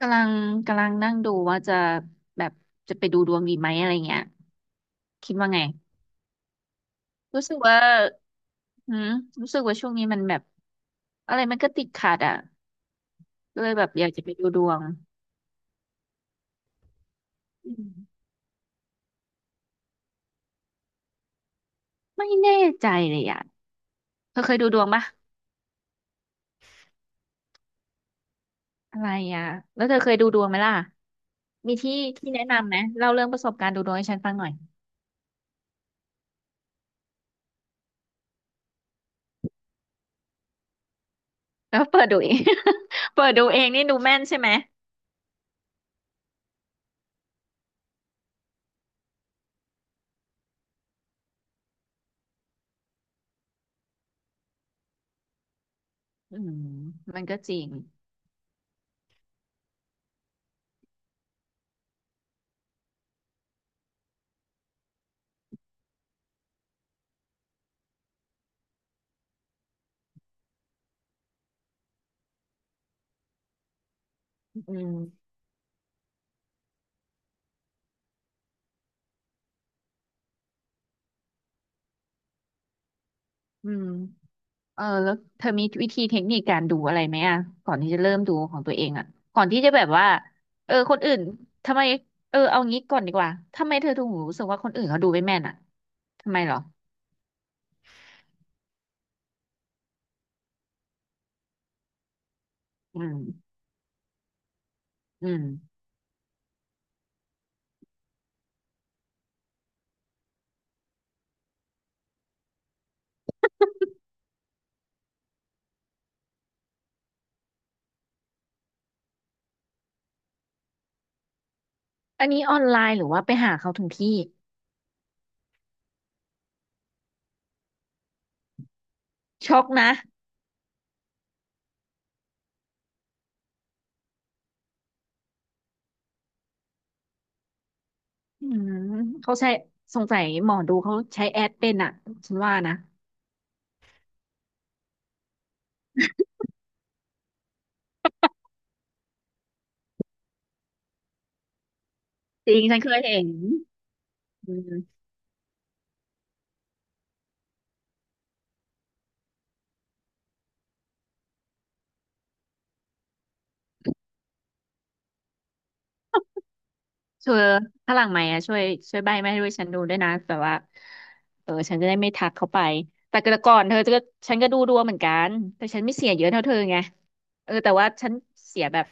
กำลังกำลังนั่งดูว่าจะแบบจะไปดูดวงดีไหมอะไรเงี้ยคิดว่าไงรู้สึกว่าหืมรู้สึกว่าช่วงนี้มันแบบอะไรมันก็ติดขัดอ่ะก็เลยแบบอยากจะไปดูดวงอืมไม่แน่ใจเลยอ่ะเธอเคยดูดวงปะอะไรอ่ะแล้วเธอเคยดูดวงไหมล่ะมีที่ที่แนะนำไหมเล่าเรื่องประสบการณ์ดูดวงให้ฉันฟังหน่อยแล้วเปิดดูเอง เปิดดูเองนี่ดูแม่นใช่ไหมอืมมันก็จริงอืมอืม เออแล้วเธอมีวิธีเทคนิคการดูอะไรไหมอ่ะก่อนที่จะเริ่มดูของตัวเองอ่ะก่อนที่จะแบบว่าเออคนอื่นทำไมเออเอางี้ก่อนดีกว่าทำไมเธอถึงรู้สึกว่าคนอื่นเขาดูไม่แม่นอ่ะทำไมเหรออืมอืมอันนี้ออนไลน์หรือว่าไปหาเขาถึงที่ช็อกนะอืมเขาใช้สงสัยหมอดูเขาใช้แอดเป็นอ่ะฉันว่านะจริงฉันเคยเห็นอืม เธอถ้าหลังไหมค์อ่ะช่วยช่วยใบ้ไม่ให้ด้วยฉันดูด้วยนะแบบว่าเออฉันจะได้ไม่ทักเขาไปแต่กก่อนเธอจะก็ฉันก็ดูดวงเหมือนกันแต่ฉันไม่เสียเยอะเท่าเธอไงเออแต่ว่าฉันเสียแบบ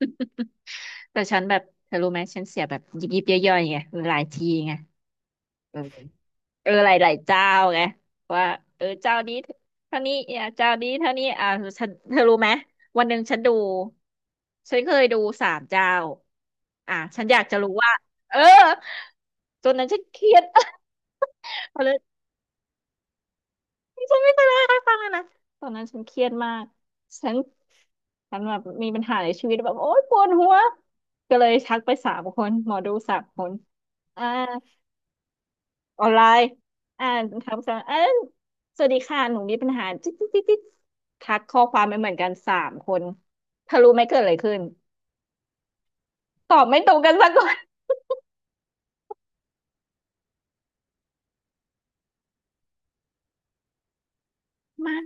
แต่ฉันแบบเธอรู้ไหมฉันเสียแบบยิบยิบย่อยๆไงหลายทีไงเออ เออหลายหลายเจ้าไงว่าเออเจ้านี้เท่านี้อ่ะเจ้านี้เท่านี้อ่ะฉันเธอรู้ไหมวันหนึ่งฉันดูฉันเคยดูสามเจ้าอ่ะฉันอยากจะรู้ว่าเออตอนนั้นฉันเครียด พอเลยฉันไม่เคยเล่าให้ฟังเลยนะตอนนั้นฉันเครียดมากฉันฉันแบบมีปัญหาในชีวิตแบบโอ๊ยปวดหัวก็เลยทักไปสามคนหมอดูสามคนอ่า ออนไลน์อ่านคำสั่เออสวัสดีค่ะ หนูมีปัญหาจิ๊ดจิ๊ดจิ๊ดจิ๊ดทักข้อความไปเหมือนกันสามคนเธอรู้ไหมเกิดอะไรขึ้น ตอบไม่ตรงกันสักคน มา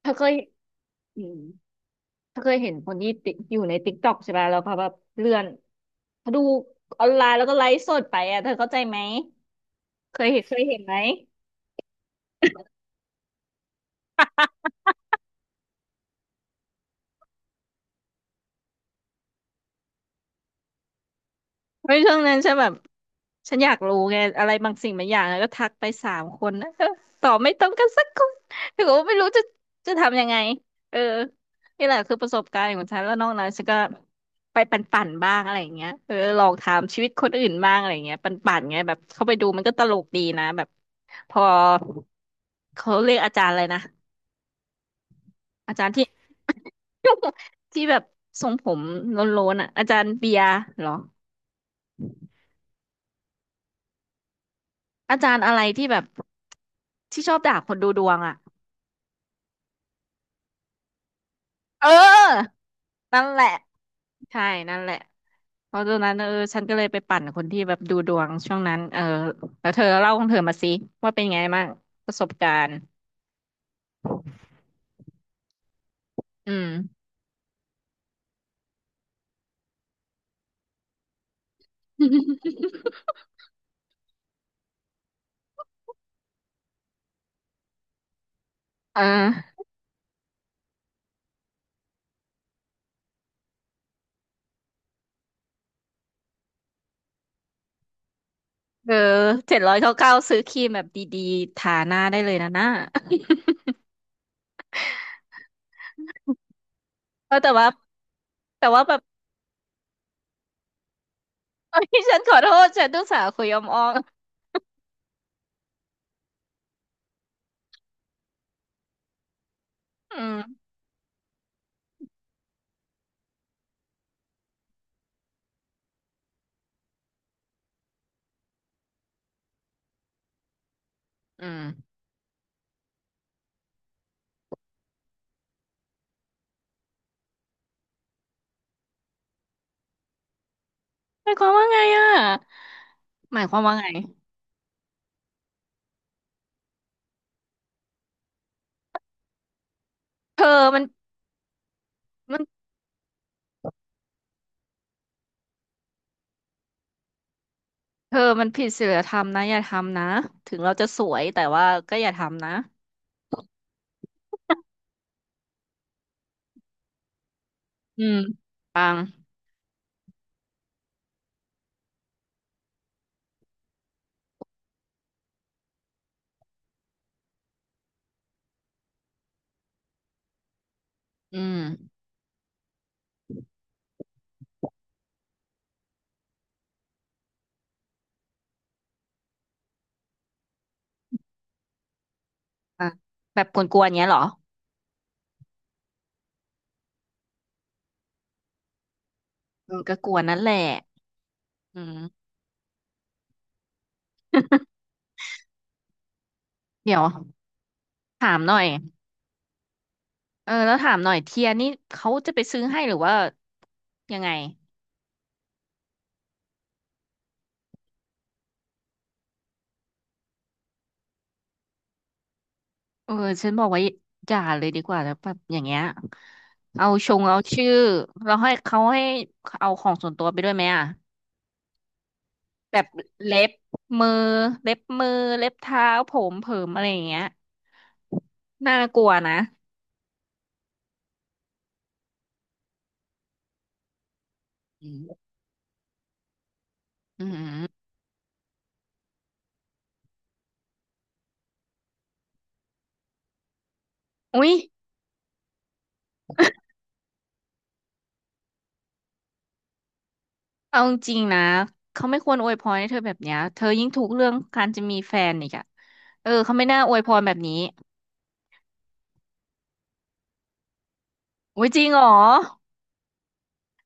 เธอเคยอืมเธอเคยเห็นคนที่ติอยู่ในติ๊กต็อกใช่ไหม แล้วเขาแบบเลื่อนเขาดูออนไลน์แล้วก็ไลฟ์สดไปอ่ะเธอเข้าใจไหม เคยเห็นไหม เฮ้ยช่วงนั้นฉันแบบฉันอยากรู้ไงอะไรบางสิ่งบางอย่างแล้วก็ทักไปสามคนนะเออตอบไม่ตรงกันสักคนแต่ก็ไม่รู้จะจะทำยังไงเออนี่แหละคือประสบการณ์ของฉันแล้วนอกนั้นฉันก็ไปปั่นๆบ้างอะไรอย่างเงี้ยเออลองถามชีวิตคนอื่นบ้างอะไรอย่างเงี้ยปั่นๆไงแบบเข้าไปดูมันก็ตลกดีนะแบบพอเขาเรียกอาจารย์อะไรนะอาจารย์ที่ ที่แบบทรงผมโล้นๆอ่ะอาจารย์เบียร์เหรอ อาจารย์อะไรที่แบบที่ชอบด่าคนดูดวงอ่ะเออนั่นแหละใช่นั่นแหละเพราะตอนนั้นเออฉันก็เลยไปปั่นคนที่แบบดูดวงช่วงนั้นเออแล้วเธอเล่าของเธอมาสิว่าเป็นไงบ้างประสบการณ์อืม เออเออ799ซื้อครีมแบบดีๆทาหน้าได้เลยนะหน้า เออแต่ว่าแบบ เอ้ยฉันขอโทษฉันต้องสาห์คุยอมออมอืมอืมหมายความว่าไงอ่ะหมายความว่าไงเธอมัน มันเธอมันผิดศีลธรรมนะอย่าทำนะถึงเราจะสวยแต่ว่าก็อย่าทำนะอืมปังอืมอ่ะแบบกวนๆเงี้ยเหรอเออก็กวนนั่นแหละอืม เดี๋ยวถามหน่อยเออแล้วถามหน่อยเทียนี่เขาจะไปซื้อให้หรือว่ายังไงเออฉันบอกว่าอย่าเลยดีกว่าแล้วแบบอย่างเงี้ยเอาชงเอาชื่อเราให้เขาให้เอาของส่วนตัวไปด้วยไหมอ่ะ แบบเล็บมือเล็บมือเล็บเท้าผมเผิมอะไรอย่างเงี้ยน่ากลัวนะอืมอืมอุ๊ยเอาจริงๆนะเขาไม่ควรอวยพรให้เธอแบบเนี้ยเธอยิ่งทุกข์เรื่องการจะมีแฟนอีกอะเออเขาไม่น่าอวยพรแบบนี้อุ๊ยจริงเหรอ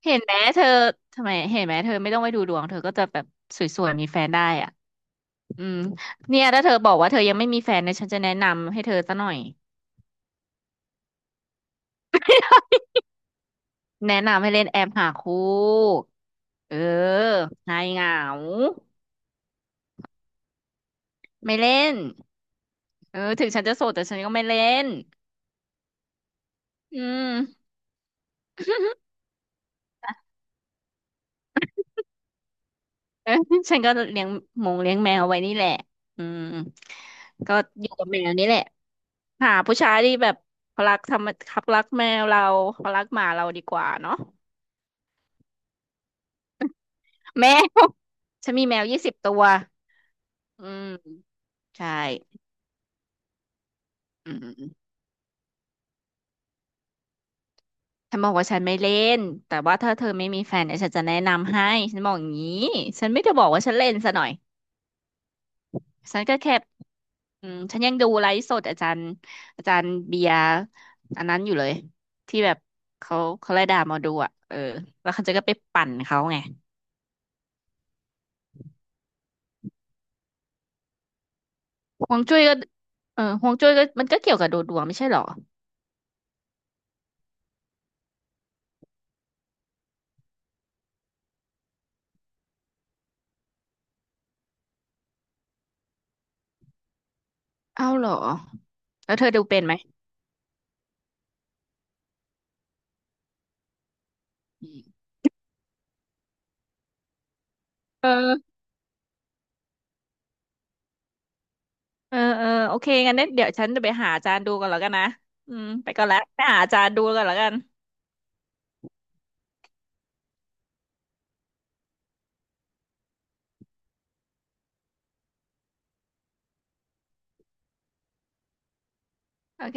เห็นไหมเธอทำไมเห็นไหมเธอไม่ต้องไปดูดวงเธอก็จะแบบสวยๆมีแฟนได้อ่ะอืมเนี่ยถ้าเธอบอกว่าเธอยังไม่มีแฟนเนี่ยฉันจะแนะนำให้เธอซะหน่อย แนะนำให้เล่นแอปหาคู่เออหายเหงาไม่เล่นเออถึงฉันจะโสดแต่ฉันก็ไม่เล่นอืมเออ ฉันก็เลี้ยงหมงเลี้ยงแมวไว้นี่แหละอืมก็อยู่กับแมวนี่แหละหาผู้ชายที่แบบเขารักทำเขารักแมวเราเขารักหมาเราดีกว่าเนาะแมว ฉันมีแมว20ตัว อืมใช่อืม ฉันบอกว่าฉันไม่เล่นแต่ว่าถ้าเธอไม่มีแฟนเนี่ยฉันจะแนะนำให้ฉันบอกอย่างนี้ฉันไม่ได้บอกว่าฉันเล่นซะหน่อยฉันก็แค่อืมฉันยังดูไลฟ์สดอาจารย์อาจารย์เบียร์อันนั้นอยู่เลยที่แบบเขาเขาไล่ด่าหมอดูอ่ะเออแล้วเขาจะก็ไปปั่นเขาไงฮวงจุ้ยก็เออฮวงจุ้ยก็มันก็เกี่ยวกับดูดวงไม่ใช่เหรอเอ้าเหรอแล้วเธอดูเป็นไหมอืมเออเออเออโอเคงั้นเดี๋ยวฉันจะไปหาอาจารย์ดูก่อนแล้วกันนะอืมไปก่อนละไปหาอาจารย์ดูก่อนแล้วกัน โอเค